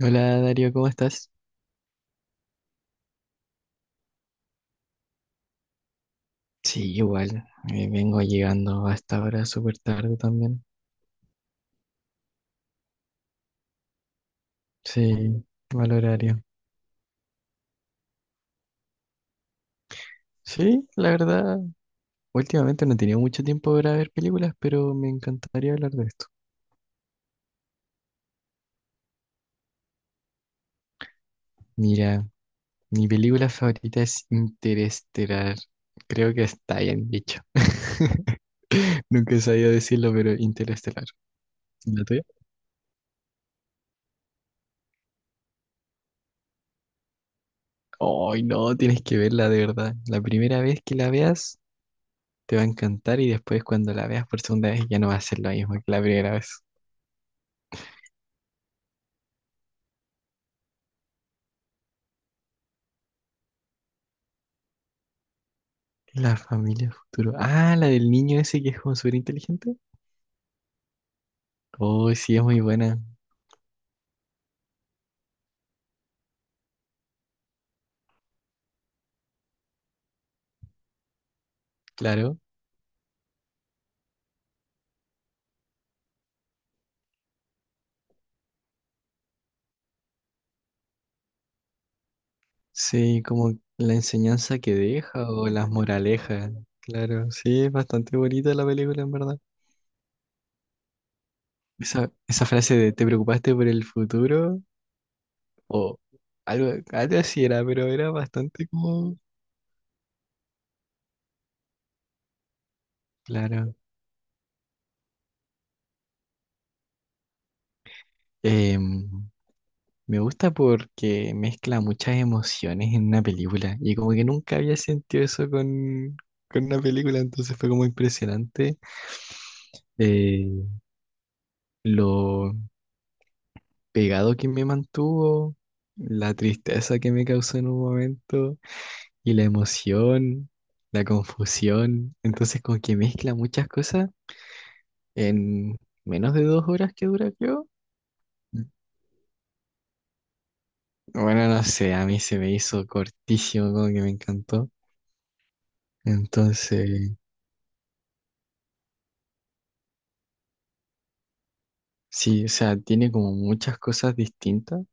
Hola Darío, ¿cómo estás? Sí, igual, vengo llegando a esta hora súper tarde también. Sí, mal horario. Sí, la verdad, últimamente no he tenido mucho tiempo para ver películas, pero me encantaría hablar de esto. Mira, mi película favorita es Interestelar. Creo que está bien dicho. Nunca he sabido decirlo, pero Interestelar. ¿La tuya? Ay, no, tienes que verla de verdad. La primera vez que la veas te va a encantar, y después cuando la veas por segunda vez ya no va a ser lo mismo que la primera vez. La familia futuro. Ah, la del niño ese que es como súper inteligente. Oh, sí, es muy buena, claro. Sí, como la enseñanza que deja o las moralejas. Claro, sí, es bastante bonita la película, en verdad. Esa frase de ¿te preocupaste por el futuro? O algo así era, pero era bastante como... Claro. Em, me gusta porque mezcla muchas emociones en una película y como que nunca había sentido eso con una película, entonces fue como impresionante, eh, lo pegado que me mantuvo, la tristeza que me causó en un momento y la emoción, la confusión. Entonces como que mezcla muchas cosas en menos de 2 horas que dura, creo. Bueno, no sé, a mí se me hizo cortísimo, como que me encantó. Entonces... Sí, o sea, tiene como muchas cosas distintas,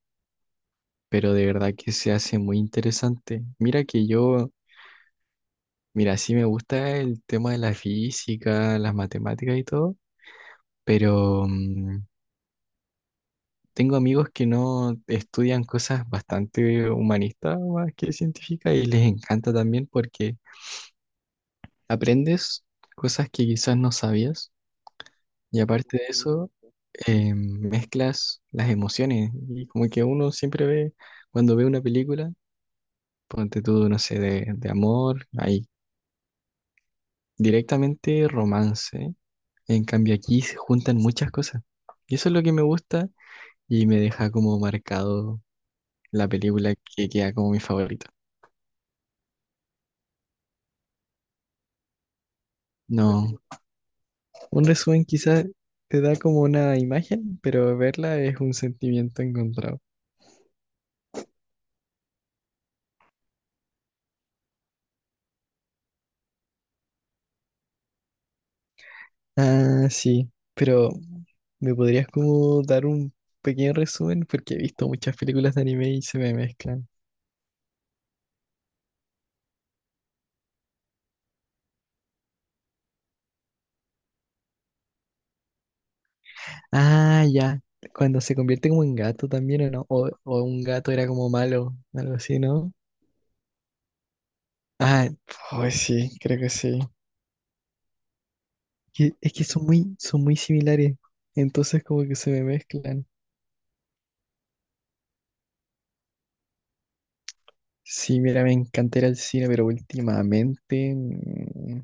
pero de verdad que se hace muy interesante. Mira, sí me gusta el tema de la física, las matemáticas y todo, pero tengo amigos que no estudian cosas bastante humanistas más que científicas y les encanta también porque aprendes cosas que quizás no sabías. Y aparte de eso, mezclas las emociones, y como que uno siempre ve, cuando ve una película, ponte tú, no sé, de amor, ahí, directamente romance. En cambio aquí se juntan muchas cosas. Y eso es lo que me gusta y me deja como marcado la película que queda como mi favorito. No, un resumen quizás te da como una imagen, pero verla es un sentimiento encontrado. Ah, sí, pero ¿me podrías como dar un pequeño resumen? Porque he visto muchas películas de anime y se me mezclan. Ah, ya. Cuando se convierte como en gato también, ¿o no? O un gato era como malo, algo así, ¿no? Ah, pues sí, creo que sí. Que- Es que son son muy similares. Entonces como que se me mezclan. Sí, mira, me encanta ir al cine, pero últimamente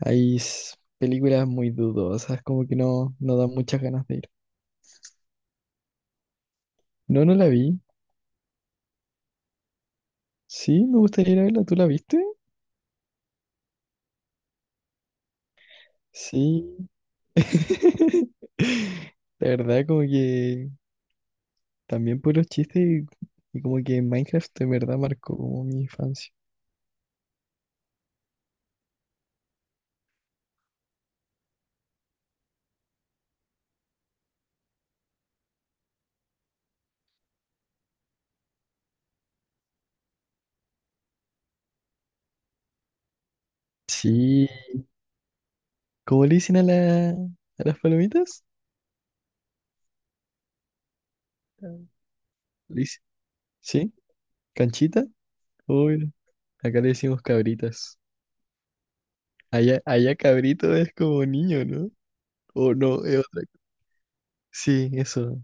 hay s- películas muy dudosas, como que no, no dan muchas ganas de ir. No, no la vi. Sí, me gustaría ir a verla. ¿Tú la viste? Sí. La verdad, como que también por los chistes y como que Minecraft de verdad marcó como mi infancia. Sí. ¿Cómo le dicen a, a las palomitas? Ah. Le dic- ¿Sí? ¿Canchita? Oh, mira, acá le decimos cabritas. Allá cabrito es como niño, ¿no? O no, es otra. Co- Sí, eso.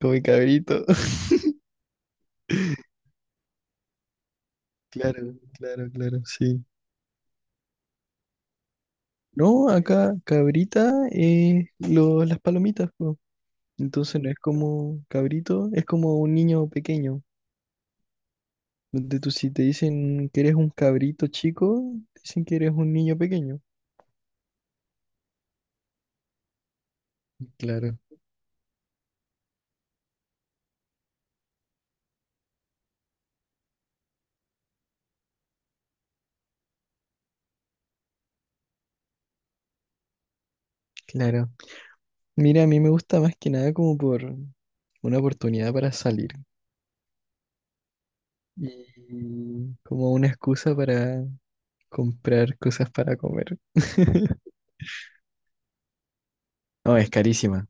Como el cabrito. Claro, sí. No, acá cabrita es lo- las palomitas, po. Entonces no es como cabrito, es como un niño pequeño. Donde tú si te dicen que eres un cabrito chico, dicen que eres un niño pequeño. Claro. Claro. Mira, a mí me gusta más que nada como por una oportunidad para salir y como una excusa para comprar cosas para comer. No, es carísima,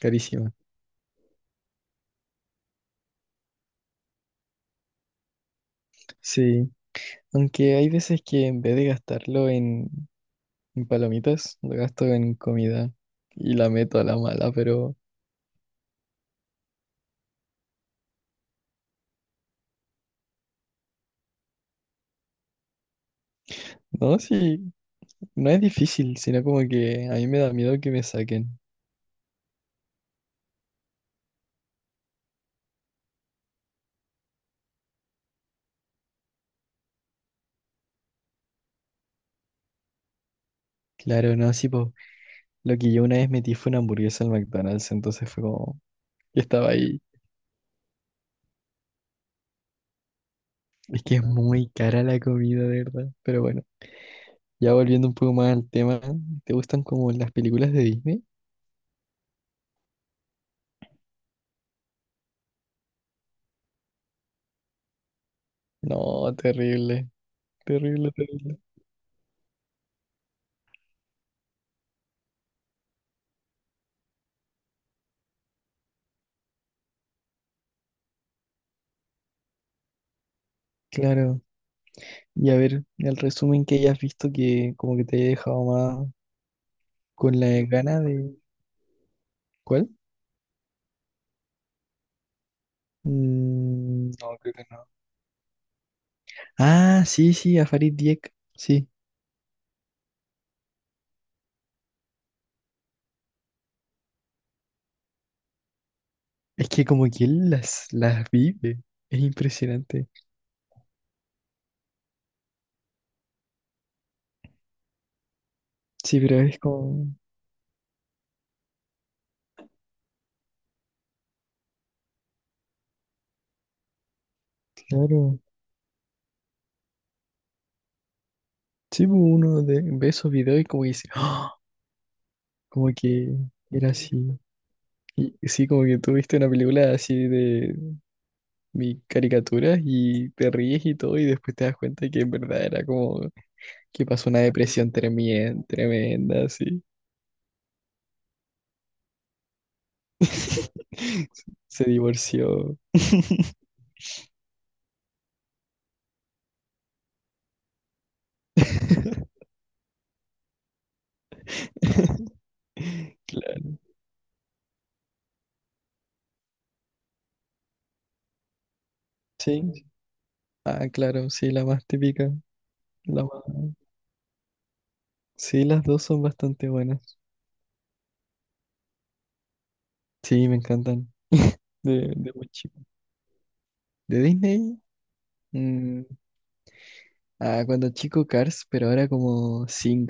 carísima. Sí. Aunque hay veces que en vez de gastarlo en palomitas, lo gasto en comida y la meto a la mala. Pero no, sí, no es difícil, sino como que a mí me da miedo que me saquen. Claro, no, sí, pues lo que yo una vez metí fue una hamburguesa al McDonald's, entonces fue como, yo estaba ahí. Es que es muy cara la comida, de verdad. Pero bueno, ya volviendo un poco más al tema, ¿te gustan como las películas de Disney? No, terrible, terrible, terrible. Claro, y a ver, el resumen que hayas visto que como que te haya dejado más con la gana de... ¿Cuál? Mm, no, creo que no. Ah, sí, sí, a Farid Dieck, sí. Es que como que él las vive, es impresionante. Sí, pero es como, claro. Sí, pues, uno de- ve esos videos y como que dice, "Ah", como que era así. Y sí, como que tú viste una película así de mi caricaturas y te ríes y todo, y después te das cuenta que en verdad era como que pasó una depresión tremenda, así. Se divorció. Claro, sí. Ah, claro, sí, la más típica. La más... Sí, las dos son bastante buenas. Sí, me encantan. De muy chico. De Disney, mm, ah, cuando chico Cars, pero ahora como Sing.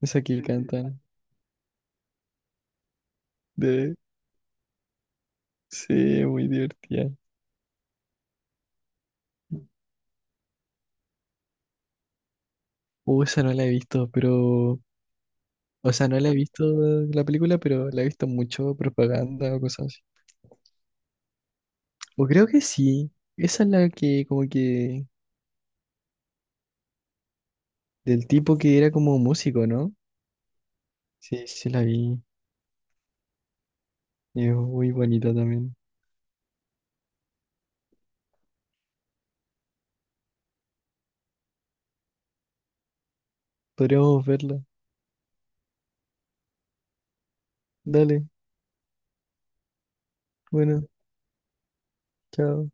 Esa que cantan. De, sí, muy divertida. Esa no la he visto, pero. O sea, no la he visto la película, pero la he visto mucho propaganda o cosas así. O creo que sí. Esa es la que, como que. Del tipo que era como músico, ¿no? Sí, sí la vi. Y es muy bonita también. Podríamos verla. Dale, bueno, chao.